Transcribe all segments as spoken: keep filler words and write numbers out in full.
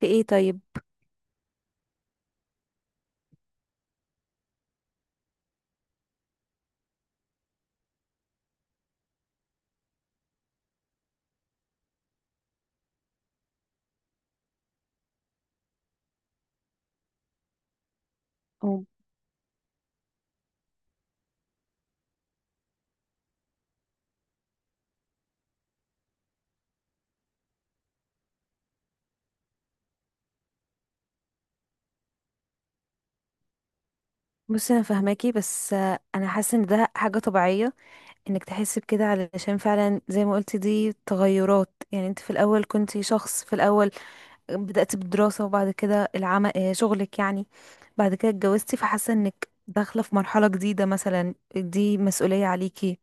في ايه طيب؟ أو- بصي، انا فاهماكي، بس آه، انا حاسه ان ده حاجه طبيعيه انك تحسي بكده، علشان فعلا زي ما قلتي دي تغيرات. يعني انت في الاول كنتي شخص. في الاول بدأت بالدراسه وبعد كده العمل، آه، شغلك يعني. بعد كده اتجوزتي، فحاسه انك داخله في مرحله جديده، مثلا دي مسؤوليه عليكي.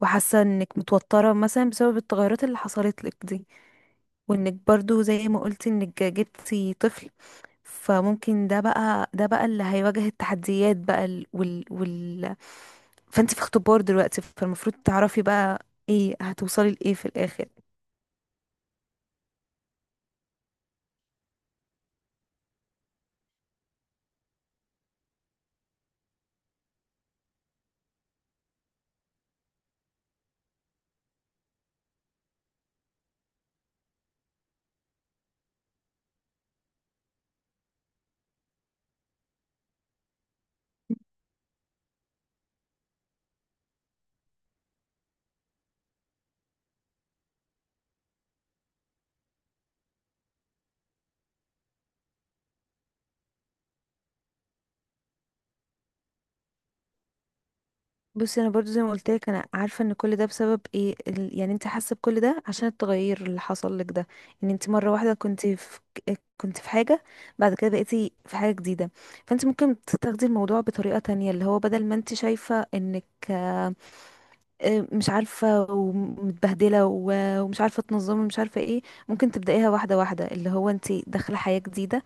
وحاسه انك متوتره مثلا بسبب التغيرات اللي حصلت لك دي، وانك برضو زي ما قلتي انك جبتي طفل. فممكن ده بقى ده بقى اللي هيواجه التحديات بقى. ال- وال وال فانت في اختبار دلوقتي، فالمفروض تعرفي بقى ايه هتوصلي لايه في الاخر. بصي، انا برضو زي ما قلت لك، انا عارفه ان كل ده بسبب ايه. ال- يعني انت حاسه بكل ده عشان التغير اللي حصل لك ده. ان انت مره واحده كنت في كنت في حاجه، بعد كده بقيتي في حاجه جديده. فانت ممكن تاخدي الموضوع بطريقه تانية، اللي هو بدل ما انت شايفه انك آه، مش عارفة ومتبهدلة و- ومش عارفة تنظمي، مش عارفة ايه. ممكن تبدأيها واحدة واحدة، اللي هو انتي داخلة حياة جديدة.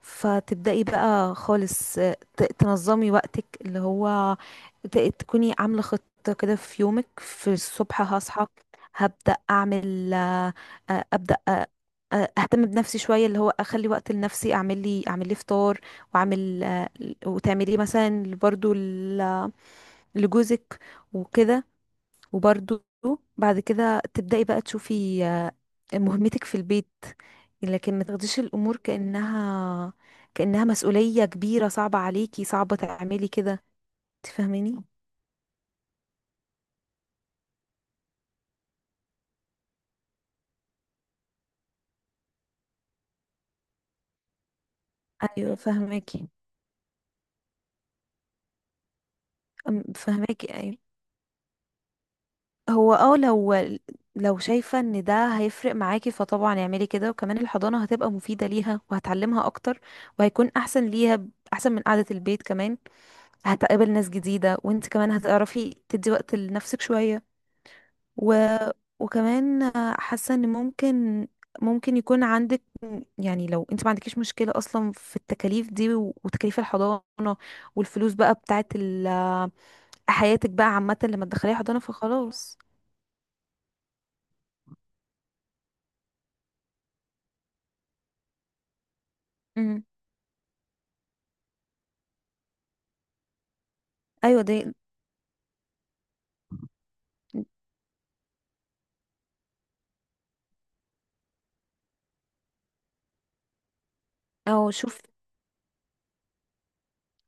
فتبدأي بقى خالص، آه، ت- تنظمي وقتك، اللي هو ت- تكوني عاملة خطة كده في يومك. في الصبح هصحى، هبدأ أعمل، آه، آه، أبدأ آه، آه، أهتم بنفسي شوية، اللي هو أخلي وقت لنفسي، أعمل لي أعمل لي فطار وأعمل، آه، وتعمليه مثلا برضو ل- لجوزك وكده. وبرضو بعد كده تبدأي بقى تشوفي آه، مهمتك في البيت، لكن ما تاخديش الأمور كأنها كأنها مسؤولية كبيرة صعبة عليكي، صعبة تعملي كده. انت فاهماني؟ ايوه، فاهماكي. أم- فاهماكي، ايوه. هو اه لو لو شايفة ان ده هيفرق معاكي، فطبعا اعملي كده. وكمان الحضانة هتبقى مفيدة ليها، وهتعلمها اكتر، وهيكون احسن ليها، ب- احسن من قعدة البيت كمان. هتقابل ناس جديدة، وانت كمان هتعرفي تدي وقت لنفسك شوية. و... وكمان حاسه ان ممكن ممكن يكون عندك، يعني لو انت ما عندكيش مشكله اصلا في التكاليف دي، و- وتكاليف الحضانه والفلوس بقى بتاعت ال... حياتك بقى عامه لما تدخلي حضانه، فخلاص. امم ايوه، دي. او شوف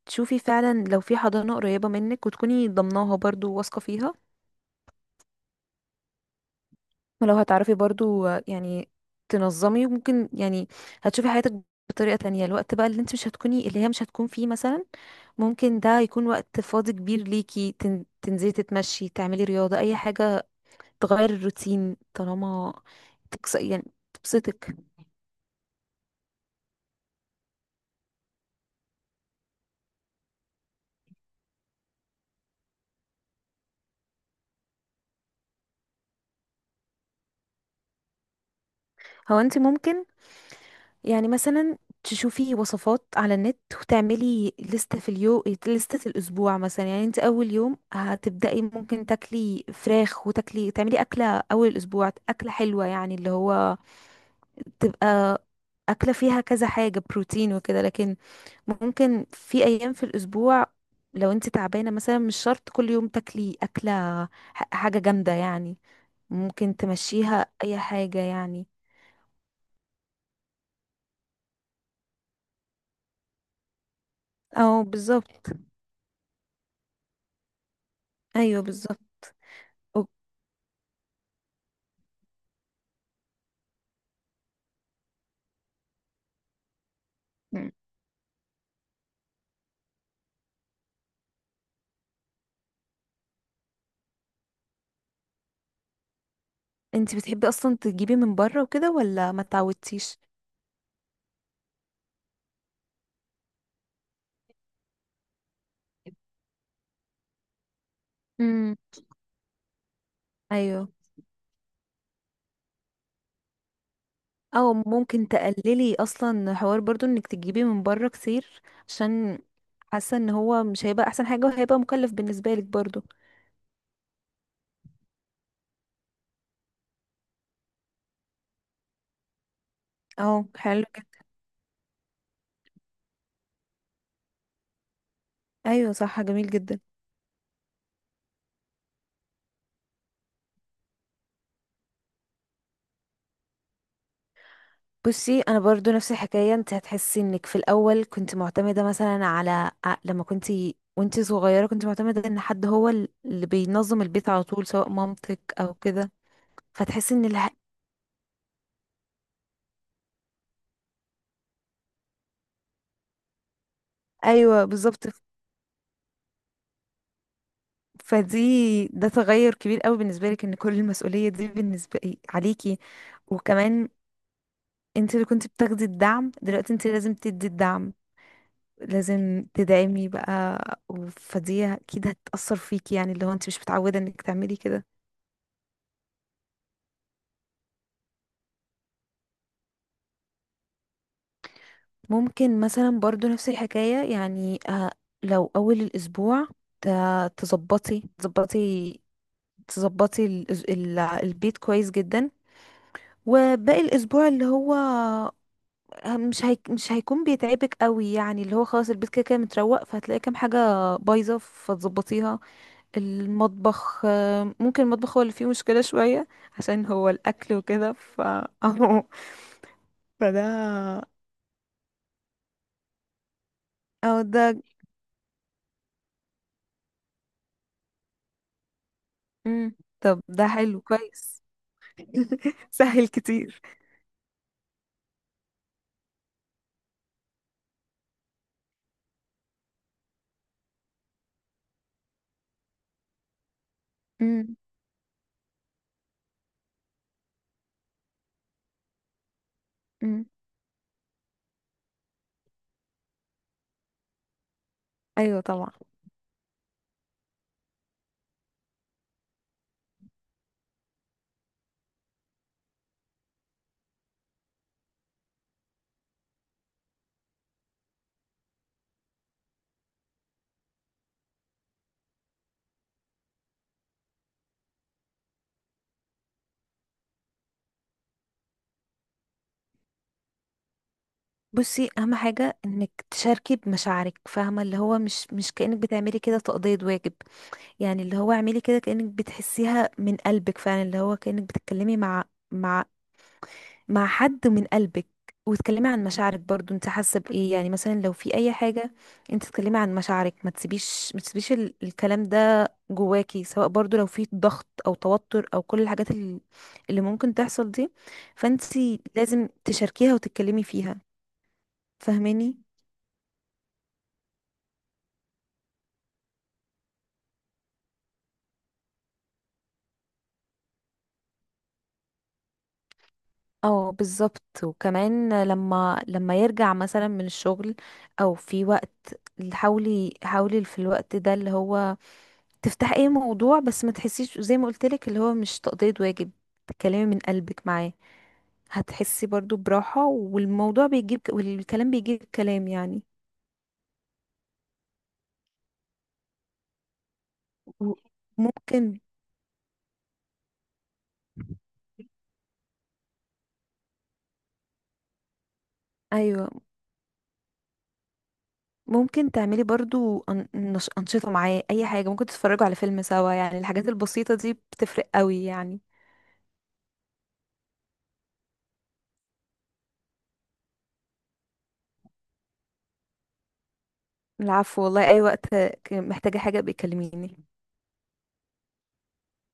شوفي فعلا لو في حضانه قريبه منك، وتكوني ضمناها برضو واثقه فيها، ما لو هتعرفي برضو آه، يعني تنظمي، ممكن يعني هتشوفي حياتك بطريقة تانية. الوقت بقى اللي انت مش هتكوني اللي هي مش هتكون فيه مثلا، ممكن ده يكون وقت فاضي كبير ليكي. تن- تنزلي، تتمشي، تعملي رياضة، أي حاجة تغير الروتين، طالما تكس... يعني تبسطك. هو انت ممكن، يعني مثلا تشوفي وصفات على النت، وتعملي لستة في اليوم، لستة الأسبوع مثلا. يعني انت أول يوم هتبدأي ممكن تاكلي فراخ، وتاكلي تعملي أكلة أول الأسبوع أكلة حلوة، يعني اللي هو تبقى أكلة فيها كذا حاجة بروتين وكده. لكن ممكن في أيام في الأسبوع لو انت تعبانة مثلا، مش شرط كل يوم تاكلي أكلة، ح- حاجة جامدة يعني، ممكن تمشيها أي حاجة يعني. أو بالظبط. أيوه، بالظبط. انت بتحبي اصلا تجيبي من بره وكده، ولا ما تعودتيش؟ امم. ايوه. او ممكن تقللي اصلا حوار برضو انك تجيبي من بره كتير، عشان حاسه ان هو مش هيبقى احسن حاجه، وهيبقى مكلف بالنسبه لك برضو. اه، حلو جدا. ايوه، صح، جميل جدا. بصي، انا برضو نفس الحكايه. انت هتحسي انك في الاول كنت معتمده مثلا على ع- لما كنت وانت صغيره، كنت معتمده ان حد هو ال- اللي بينظم البيت على طول، سواء مامتك او كده. فتحسي ان الح... ايوه، بالظبط. فدي ده تغير كبير قوي بالنسبة لك، ان كل المسؤولية دي بالنسبة إيه، عليكي. وكمان انت اللي كنت بتاخدي الدعم، دلوقتي انت لازم تدي الدعم، لازم تدعمي بقى. و- فدي اكيد هتأثر فيكي، يعني اللي هو انت مش متعودة انك تعملي كده. ممكن مثلا برضو نفس الحكاية، يعني آه، لو اول الاسبوع ت- تظبطي تظبطي تظبطي الأس- ال- البيت كويس جدا، وباقي الاسبوع اللي هو آه، مش هيك مش هيكون بيتعبك قوي، يعني اللي هو خلاص البيت كده كده متروق، فهتلاقي كام حاجه بايظه فتظبطيها. المطبخ، آه، ممكن المطبخ هو اللي فيه مشكله شويه، عشان هو الاكل وكده. ف اهو. فده. اه ده. مم. طب ده حلو كويس. سهل كتير. مم. مم. ايوه، طبعا. بصي، اهم حاجه انك تشاركي بمشاعرك، فاهمه؟ اللي هو مش مش كانك بتعملي كده تقضيه واجب. يعني اللي هو اعملي كده كأنك بتحسيها من قلبك فعلا، اللي هو كأنك بتتكلمي مع مع مع حد من قلبك. وتكلمي عن مشاعرك برضو انت حاسه بايه، يعني مثلا لو في اي حاجه انت تتكلمي عن مشاعرك. ما تسيبيش ما تسيبيش ال- الكلام ده جواكي، سواء برضو لو في ضغط او توتر، او كل الحاجات ال- اللي ممكن تحصل دي. فانت لازم تشاركيها وتتكلمي فيها. فاهماني؟ اه، بالظبط. وكمان لما لما يرجع مثلا من الشغل، او في وقت، حاولي حاولي في الوقت ده اللي هو تفتح اي موضوع، بس ما تحسيش زي ما قلت لك اللي هو مش تقضية واجب، تتكلمي من قلبك معاه. هتحسي برضو براحة، والموضوع بيجيب والكلام بيجيب كلام، يعني ممكن. ايوه، ممكن تعملي برضو أن- نش- انشطة معاه، اي حاجة، ممكن تتفرجوا على فيلم سوا، يعني الحاجات البسيطة دي بتفرق قوي يعني. العفو، والله اي وقت ك- محتاجة حاجة بيكلميني.